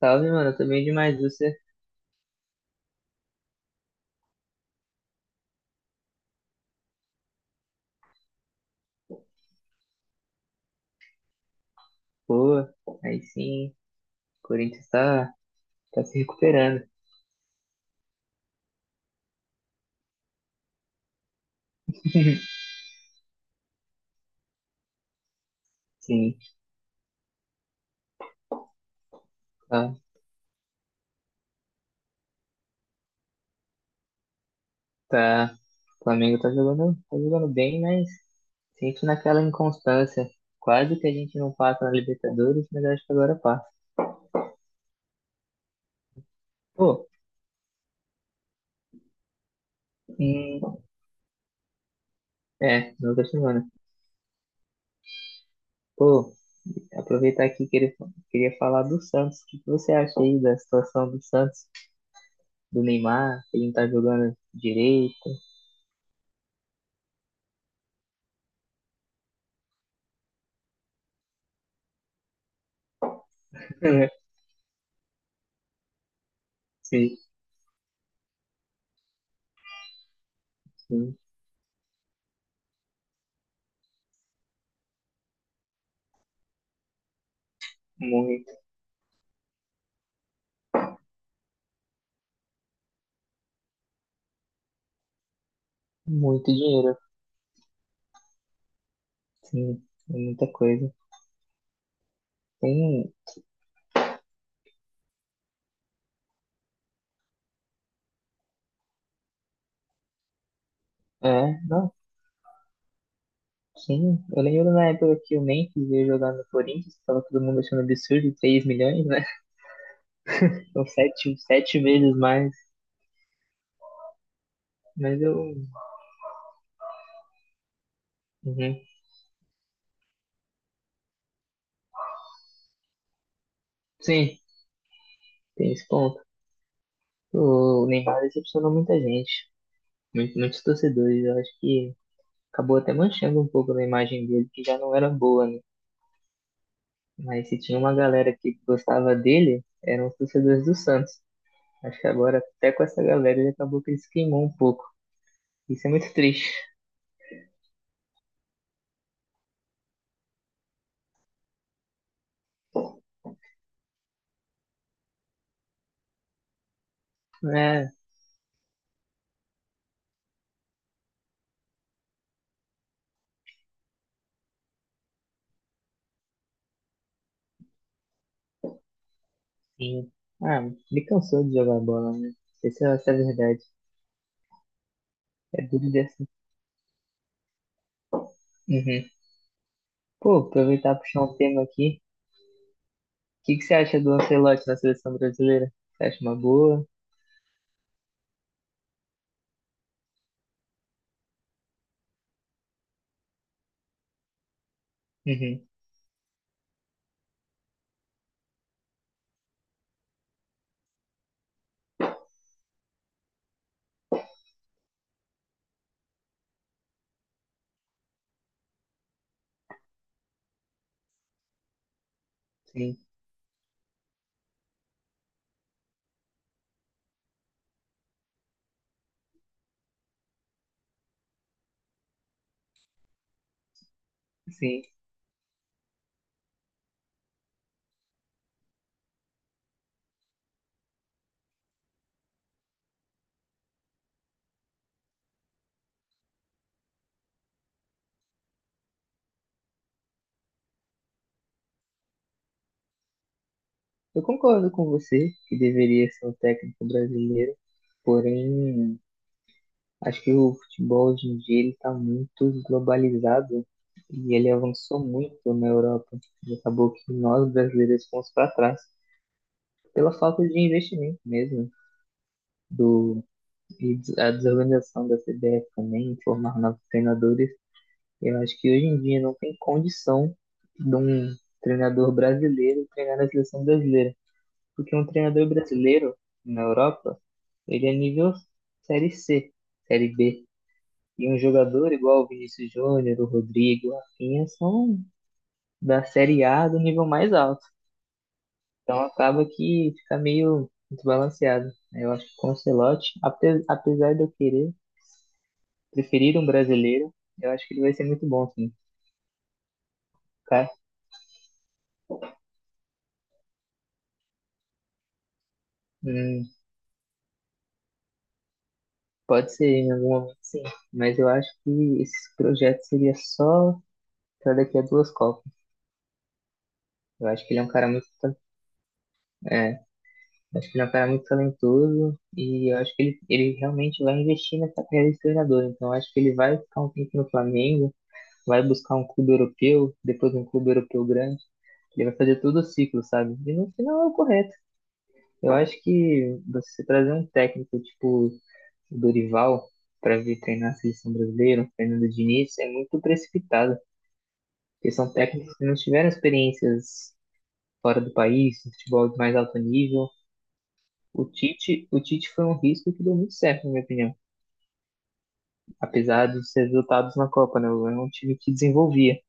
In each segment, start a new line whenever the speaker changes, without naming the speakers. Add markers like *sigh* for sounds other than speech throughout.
Salve, mano. Eu tô bem demais. Você? Boa. Aí sim. O Corinthians tá se recuperando. Sim. Tá, tá. O Flamengo tá jogando bem, mas sinto naquela inconstância. Quase que a gente não passa na Libertadores, mas acho que agora passa. Pô, hum, é, na outra semana. Pô, aproveitar aqui que ele queria falar do Santos. O que que você acha aí da situação do Santos, do Neymar, que ele não tá jogando direito? *laughs* Sim, sim, muito, muito dinheiro. Sim, é muita coisa. Tem, é, não, sim. Eu lembro na época que o Memphis veio jogar no Corinthians, tava todo mundo achando absurdo, 3 milhões, né? *laughs* São sete vezes mais. Mas eu, uhum. Sim, tem esse ponto. O Neymar decepcionou muita gente, muitos torcedores. Eu acho que acabou até manchando um pouco da imagem dele, que já não era boa, né? Mas se tinha uma galera que gostava dele, eram os torcedores do Santos. Acho que agora, até com essa galera, ele acabou que ele se queimou um pouco. Isso é muito triste, né? Sim. Ah, me cansou de jogar bola, né? Não sei se essa é a verdade. É duro dessa. Uhum. Pô, aproveitar e puxar um tema aqui. O que que você acha do Ancelotti na seleção brasileira? Você acha uma boa? Uhum. Sim, sim. Eu concordo com você que deveria ser um técnico brasileiro, porém, acho que o futebol hoje em dia ele está muito globalizado e ele avançou muito na Europa. E acabou que nós brasileiros fomos para trás. Pela falta de investimento mesmo do a desorganização da CBF também, em formar novos treinadores. Eu acho que hoje em dia não tem condição de um treinador brasileiro treinar a seleção brasileira, porque um treinador brasileiro na Europa, ele é nível série C, série B. E um jogador igual o Vinícius Júnior, o Rodrigo, o Rafinha são da série A do nível mais alto. Então acaba que fica meio desbalanceado, né? Eu acho que com o Ancelotti, apesar de eu querer preferir um brasileiro, eu acho que ele vai ser muito bom, sim. Cara, hum, pode ser em algum momento, sim. Mas eu acho que esse projeto seria só para daqui a duas Copas. Eu acho que ele é um cara é, acho que ele é um cara muito talentoso e eu acho que ele realmente vai investir nessa carreira de treinador. Então eu acho que ele vai ficar um tempo no Flamengo, vai buscar um clube europeu, depois um clube europeu grande. Ele vai fazer todo o ciclo, sabe? E no final é o correto. Eu acho que você trazer um técnico tipo o Dorival para vir treinar a seleção brasileira, o Fernando Diniz, é muito precipitado. Porque são técnicos que não tiveram experiências fora do país, no futebol de mais alto nível. O Tite foi um risco que deu muito certo, na minha opinião. Apesar dos resultados na Copa, né? É um time que desenvolvia.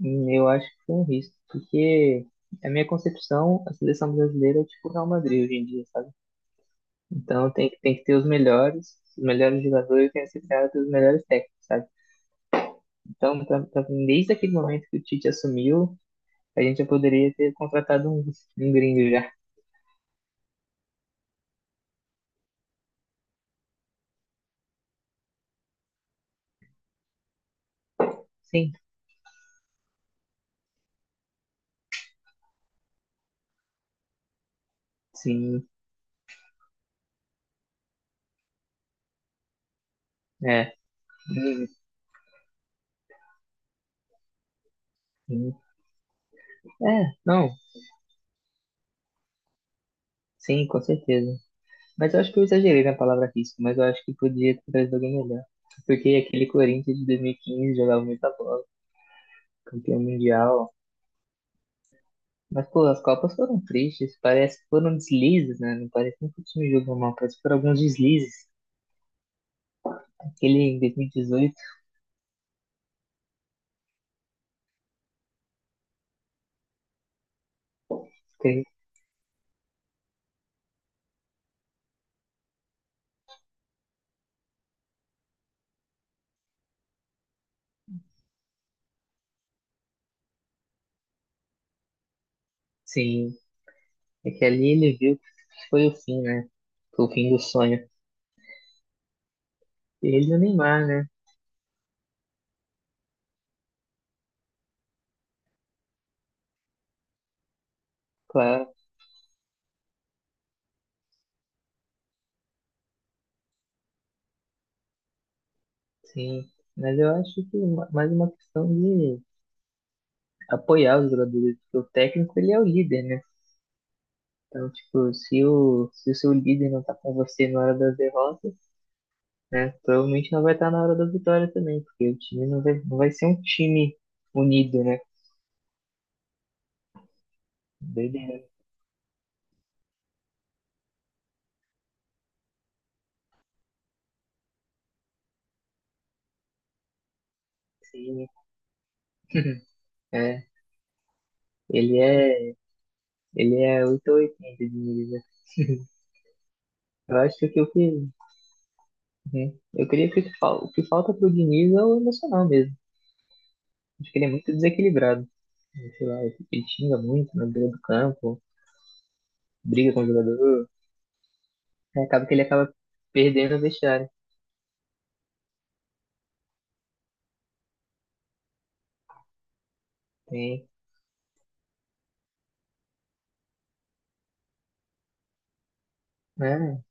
Eu acho que foi um risco, porque a minha concepção, a seleção brasileira é tipo o Real Madrid hoje em dia, sabe? Então tem que ter os melhores jogadores, tem que ser cara dos melhores técnicos, sabe? Então, mim, desde aquele momento que o Tite assumiu, a gente já poderia ter contratado um gringo já. Sim, sim, é. Hum, hum. É, não, sim, com certeza. Mas eu acho que eu exagerei na palavra risco, mas eu acho que podia ter trazido alguém melhor. Porque aquele Corinthians de 2015 jogava muita bola. Campeão mundial. Mas, pô, as Copas foram tristes. Parece que foram deslizes, né? Não parece nem que o time jogou mal. Parece que foram alguns deslizes. Aquele em 2018, que, sim, é que ali ele viu que foi o fim, né? Foi o fim do sonho. Ele e o Neymar, né? Claro, sim. Mas eu acho que mais uma questão de apoiar os jogadores. Porque o técnico, ele é o líder, né? Então, tipo, se o seu líder não tá com você na hora das derrotas, né? Provavelmente não vai estar na hora da vitória também, porque o time não vai ser um time unido, né? Doideira. Sim. *laughs* É, ele é, ele é oito ou oitenta de Diniz, né? *laughs* Eu acho que o que, uhum. Eu queria que o que falta pro Diniz é o emocional mesmo. Acho que ele é muito desequilibrado. Sei lá, ele xinga muito na beira do campo, briga com o jogador. Aí acaba que ele acaba perdendo o vestiário. Tem, né?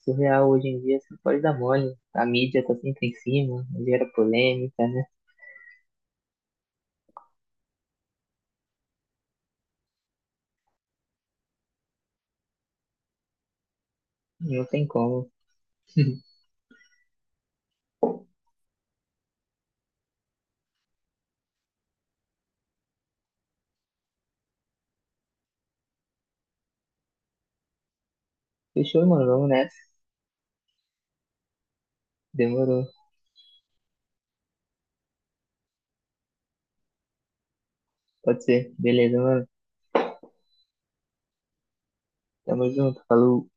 Surreal hoje em dia, você não pode dar mole. A mídia tá sempre em cima, gera polêmica, né? Não tem como. Fechou, mano, vamos nessa. Demorou. Pode ser. Beleza, mano. Tamo junto. Falou.